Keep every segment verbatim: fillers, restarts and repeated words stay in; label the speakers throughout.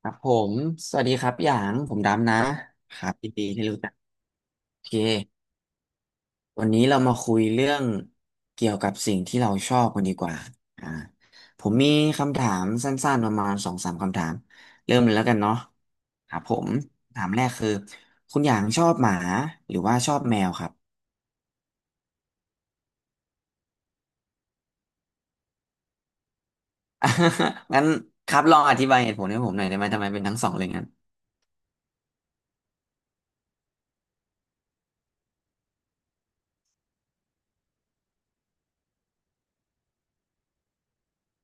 Speaker 1: ครับผมสวัสดีครับพี่หยางผมดำนะครับยินดีที่รู้จักโอเควันนี้เรามาคุยเรื่องเกี่ยวกับสิ่งที่เราชอบกันดีกว่าอ่า ผมมีคำถามสั้นๆประมาณสองสามคำถามเริ่มเลยแล้วกันเนาะครับผมถามแรกคือคุณหยางชอบหมาหรือว่าชอบแมวครับ งั้นครับลองอธิบายเหตุผลให้ผมหน่อยได้ไหมทำไมเป็นทั้งสองเลยงั้น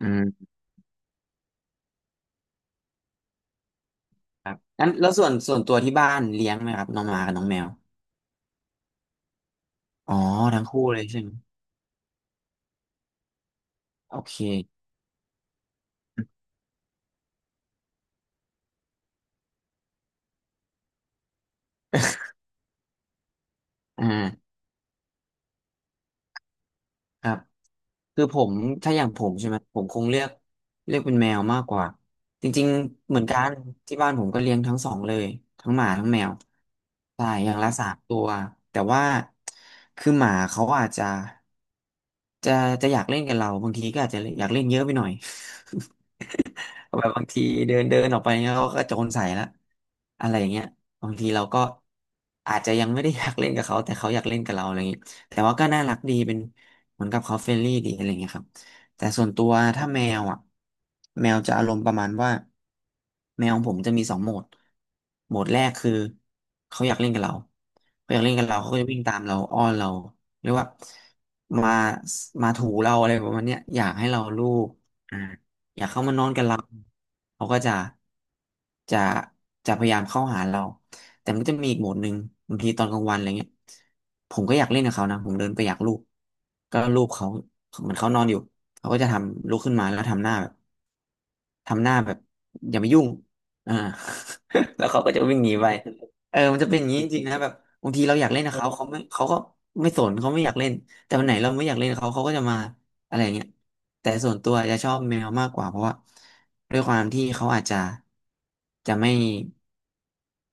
Speaker 1: อืมครับงั้นแล้วส่วนส่วนตัวที่บ้านเลี้ยงไหมครับน้องหมากับน้องแมว อ๋อทั้งคู่เลยใช่ไหม โอเคอ่าครับคือผมถ้าอย่างผมใช่ไหมผมคงเลือกเลือกเป็นแมวมากกว่า จริงๆเหมือนกันที่บ้านผมก็เลี้ยงทั้งสองเลยทั้งหมาทั้งแมวใช่อย่างละสามตัวแต่ว่าคือหมาเขาอาจจะจะจะอยากเล่นกับเรา บางทีก็อาจจะอยากเล่นเยอะไปหน่อย แบบบางทีเดินเดินออกไปเงี้ยเขาก็โจรใส่ละอะไรอย่างเงี้ยบางทีเราก็อาจจะยังไม่ได้ อยากเล่นกับเขาแต่เขาอยากเล่นกับเราอะไรอย่างงี้ แต่ว่าก็น่ารักดีเป็นเหมือนกับเขาเฟรนลี่ดีอะไรเงี้ยครับแต่ส่วนตัวถ้าแมวอ่ะแมวจะอารมณ์ประมาณว่าแมวของผมจะมีสองโหมดโหมดแรกคือเขาอยากเล่นกับเราเขาอยากเล่นกับเราเขาก็จะวิ่งตามเราอ้อนเราเรียกว่ามามาถูเราอะไรประมาณเนี้ยอยากให้เราลูบ อยากเข้ามานอนกับเราเขาก็จะจะจะพยายามเข้าหาเราแต่มันก็จะมีอีกโหมดหนึ่งบางทีตอนกลางวันอะไรเงี้ยผมก็อยากเล่นกับเขานะผมเดินไปอยากลูบก็ลูบเขาเหมือนเขานอนอยู่เขาก็จะทำลุกขึ้นมาแล้วทำหน้าแบบทำหน้าแบบอย่ามายุ่งอ่า แล้วเขาก็จะวิ่งหนีไปเออมันจะเป็นอย่างนี้จริงๆนะแบบบางทีเราอยากเล่นกับเขาเขาไม่เขาก็ไม่สนเขาไม่อยากเล่นแต่วันไหนเราไม่อยากเล่นกับเขาเขาก็จะมา อะไรเงี้ยแต่ส่วนตัวจะชอบแมวมากกว่าเพราะว่าด้วยความที่เขาอาจจะจะไม่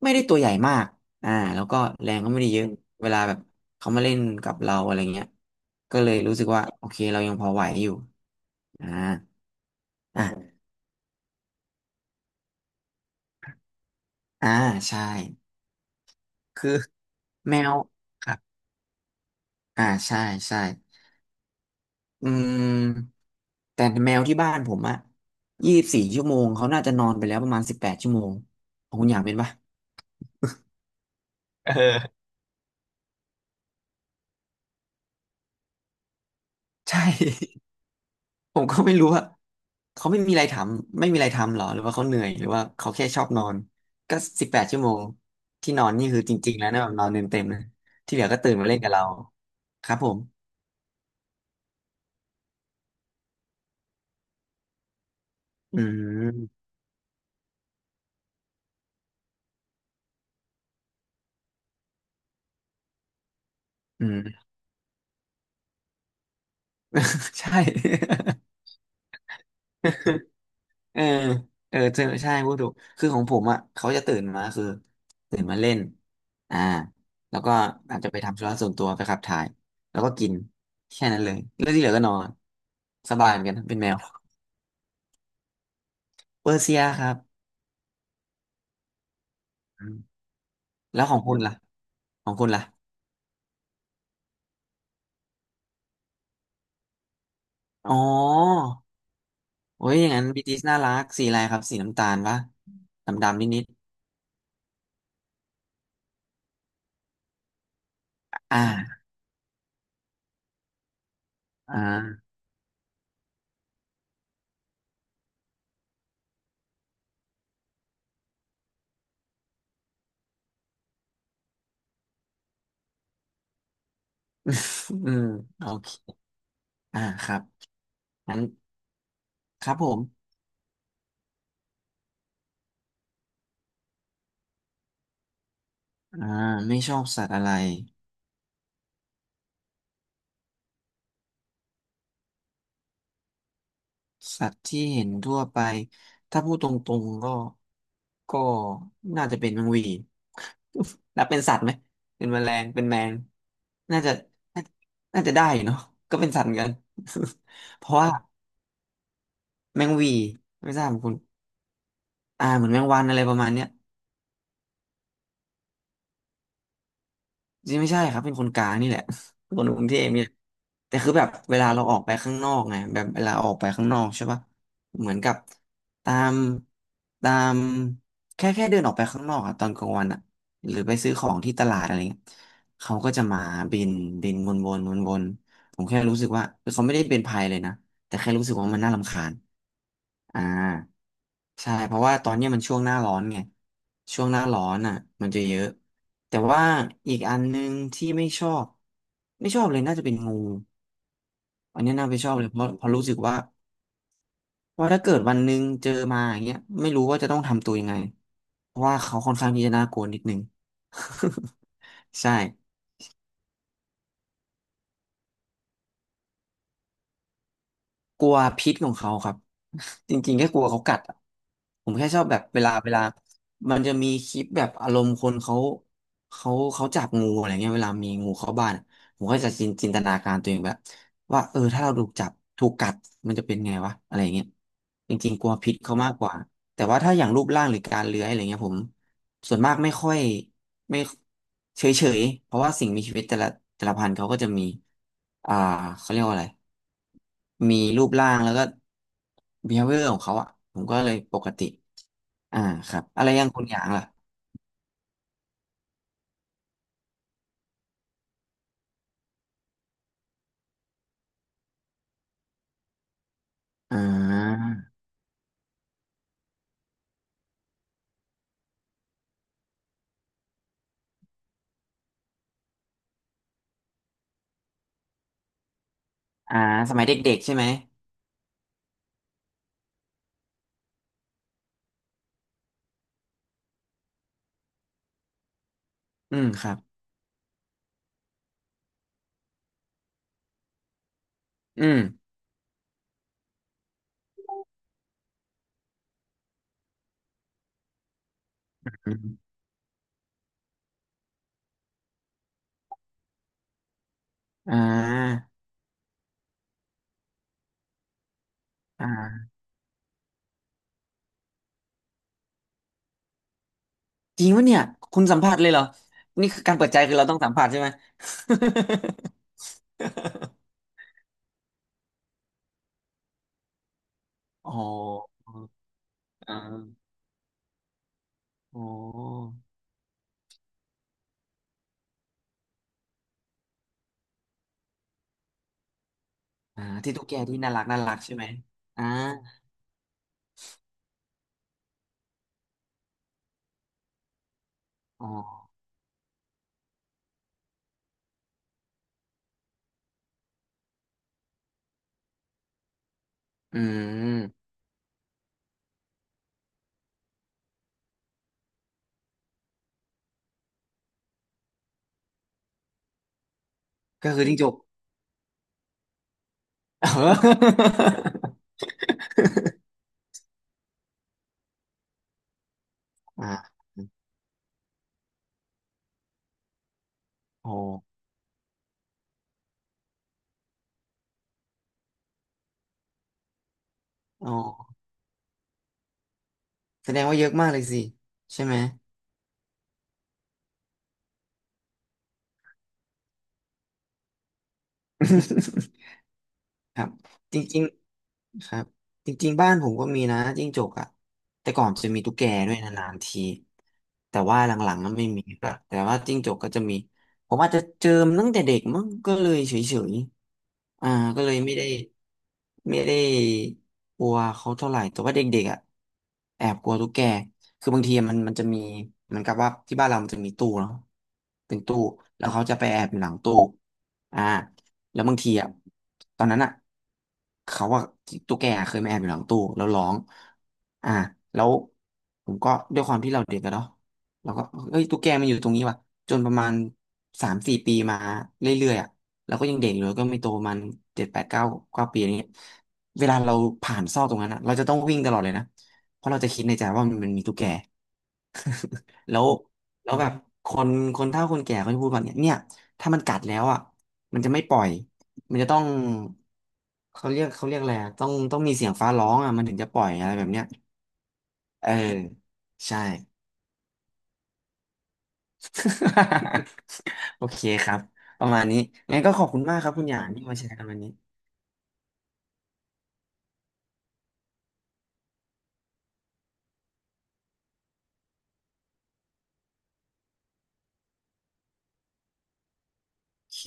Speaker 1: ไม่ได้ตัวใหญ่มากอ่าแล้วก็แรงก็ไม่ได้เยอะ เวลาแบบเขามาเล่นกับเราอะไรเงี้ยก็เลยรู้สึกว่าโอเคเรายังพอไหวอยู่อ่าอ่าอ่า ใช่ คือแมวครับอ่าใช่ใช่อืมแต่แมวที่บ้านผมอะยี่สิบสี่ชั่วโมง เขาน่าจะนอนไปแล้วประมาณสิบแปดชั่วโมงของคุณอยากเป็นปะ เออ ใช่ ผมก็ไม่รู้ว่าเขาไม่มีอะไรทำไม่มีอะไรทำหรอหรือว่าเขาเหนื่อยหรือว่าเขาแค่ชอบนอนก็สิบแปดชั่วโมงที่นอนนี่คือจริงๆแล้วนะแบบนอนเต็มเต็มนะที่เหลือก็ตื่นมาเล่นกับเราครับผมอืมอืม ใช่ เออ เออเจอใช่พูดถูก คือของผมอ่ะเขาจะตื่นมาคือตื่นมาเล่น อ่าแล้วก็อาจจะไปทำธุระส่วนตัวไปขับถ่าย แล้วก็กิน แค่นั้นเลยแล้วที่เหลือก็นอนสบายเหมือนกัน เป็นแมวเปอร์เซียครับอืมแล้วของคุณล่ะของคุณล่ะอ๋อโอ้ยอย่างนั้นบีติสน่ารักสีอะไรครับสีน้ำตาลปะดำดำนิดนิดๆอ่าอ่า อืมโอเคอ่าครับงั้นครับผมอ่าไม่ชอบสัตว์อะไร สัตว์ที่เห็นทั่วไปถ้าพูดตรงๆก็ก็น่าจะเป็นแมงหวี่ นับเป็นสัตว์ไหมเป็นแมลงเป็นแมงน่าจะน่าน่าจะได้อยู่เนาะก็เป็นสัตว์เหมือนกัน เพราะว่าแมงหวี่ไม่ทราบคุณอ่าเหมือนแมงวันอะไรประมาณเนี้ย จริงไม่ใช่ครับเป็นคนกลางนี่แหละ เป็นคนกรุงเทพเนี่ยแต่คือแบบเวลาเราออกไปข้างนอกไงแบบเวลาออกไปข้างนอกใช่ปะเหมือนกับตามตามแค่แค่เดินออกไปข้างนอกอะตอนกลางวันอะหรือไปซื้อของที่ตลาดอะไรเงี้ยเขาก็จะมาบินบินวนวนวนวนผมแค่รู้สึกว่าคือเขาไม่ได้เป็นภัยเลยนะแต่แค่รู้สึกว่ามันน่ารำคาญอ่า ใช่เพราะว่าตอนเนี้ยมันช่วงหน้าร้อนไงช่วงหน้าร้อนอ่ะมันจะเยอะแต่ว่าอีกอันนึงที่ไม่ชอบไม่ชอบเลยน่าจะเป็นงูอันเนี้ยน่าไปชอบเลยเพราะเพราะรู้สึกว่าว่าถ้าเกิดวันหนึ่งเจอมาอย่างเงี้ยไม่รู้ว่าจะต้องทำตัวยังไงเพราะว่าเขาค่อนข้างที่จะน่ากลัวนิดนึง ใช่ กลัวพิษของเขาครับ จริงๆแค่กลัวเขากัดอะผมแค่ชอบแบบเวลาเวลามันจะมีคลิปแบบอารมณ์คนเขาเขาเขาจับงูอะไรเงี้ยเวลามีงูเข้าบ้านอะผมก็จะจินจินตนาการตัวเองแบบว่าเออถ้าเราถูกจับถูกกัดมันจะเป็นไงวะอะไรเงี้ยจริงๆกลัวพิษเขามากกว่าแต่ว่าถ้าอย่างรูปร่างหรือการเลื้อยอะไรเงี้ยผม ส่วนมากไม่ค่อยไม่เฉยเฉยเพราะว่าสิ่งมีชีวิตแต่ละแต่ละพันธุ์เขาก็จะมีอ่าเขาเรียกว่าอะไรมีรูปร่างแล้วก็ บีเฮฟเวียร์ ของเขาอ่ะผมก็เลยปกติอ่าครับอะไรอยังคุณอย่างล่ะอ่าอ่าสมัยเด็กๆใช่ไหมอืมครับอืมอืมอ่าอ่าจริงวะเนี่ยคุณสัมผัสเลยเหรอนี่คือการเปิดใจคือเราต้องสัมผัสใช่ไหม อ๋ออ๋ออ๋อ อ่าที่ตุ๊กแกที่น่ารักน่ารักใช่ไหมอ่าอ๋ออืมก็คือจิ้งจก เอออ่าโอ้อ๋อ แสดงว่าเยอะมากเลยสิใช่ไหม ครับจริงๆครับจริงๆบ้านผมก็มีนะจิ้งจกอ่ะแต่ก่อนจะมีตุ๊กแกด้วยนานๆทีแต่ว่าหลังๆก็ไม่มีละแต่ว่าจิ้งจกก็จะมีผมอาจจะเจอมันตั้งแต่เด็กมั้งก็เลยเฉยๆอ่าก็เลยไม่ได้ไม่ได้กลัวเขาเท่าไหร่แต่ว่าเด็กๆอ่ะแอบกลัวตุ๊กแกคือบางทีมันมันจะมีเหมือนกับว่าที่บ้านเรามันจะมีตู้เนาะเป็นตู้แล้วเขาจะไปแอบอยู่หลังตู้อ่า แล้วบางทีอ่ะตอนนั้นอ่ะเขาว่าตุ๊กแกเคยมาแอบอยู่หลังตู้แล้วร้องอ่าแล้วผมก็ด้วยความที่เราเด็กกันเนาะเราก็เอ้ยตุ๊กแกมันอยู่ตรงนี้ว่ะจนประมาณสามสี่ปีมาเรื่อยๆอ่ะเราก็ยังเด็กอยู่แล้วก็ไม่โตประมันเจ็ดแปดเก้าเก้าปีอะไรเงี้ยเวลาเราผ่านซอกตรงนั้นอ่ะเราจะต้องวิ่งตลอดเลยนะเพราะเราจะคิดในใจว่ามันมีตุ๊กแก แล้วแล้วแบบคนคนเฒ่าคนแก่เขาจะพูดว่าเนี่ยเนี่ยถ้ามันกัดแล้วอ่ะมันจะไม่ปล่อยมันจะต้องเขาเรียกเขาเรียกอะไรอะต้องต้องมีเสียงฟ้าร้องอ่ะมันถึงจะปล่อยอะไรแบบเนี้ยเออใช่ โอเคครับประมาณนี้งั้นก็ขอบคุณมากครับคุณหยางที่มาแชร์กันวันนี้โอเค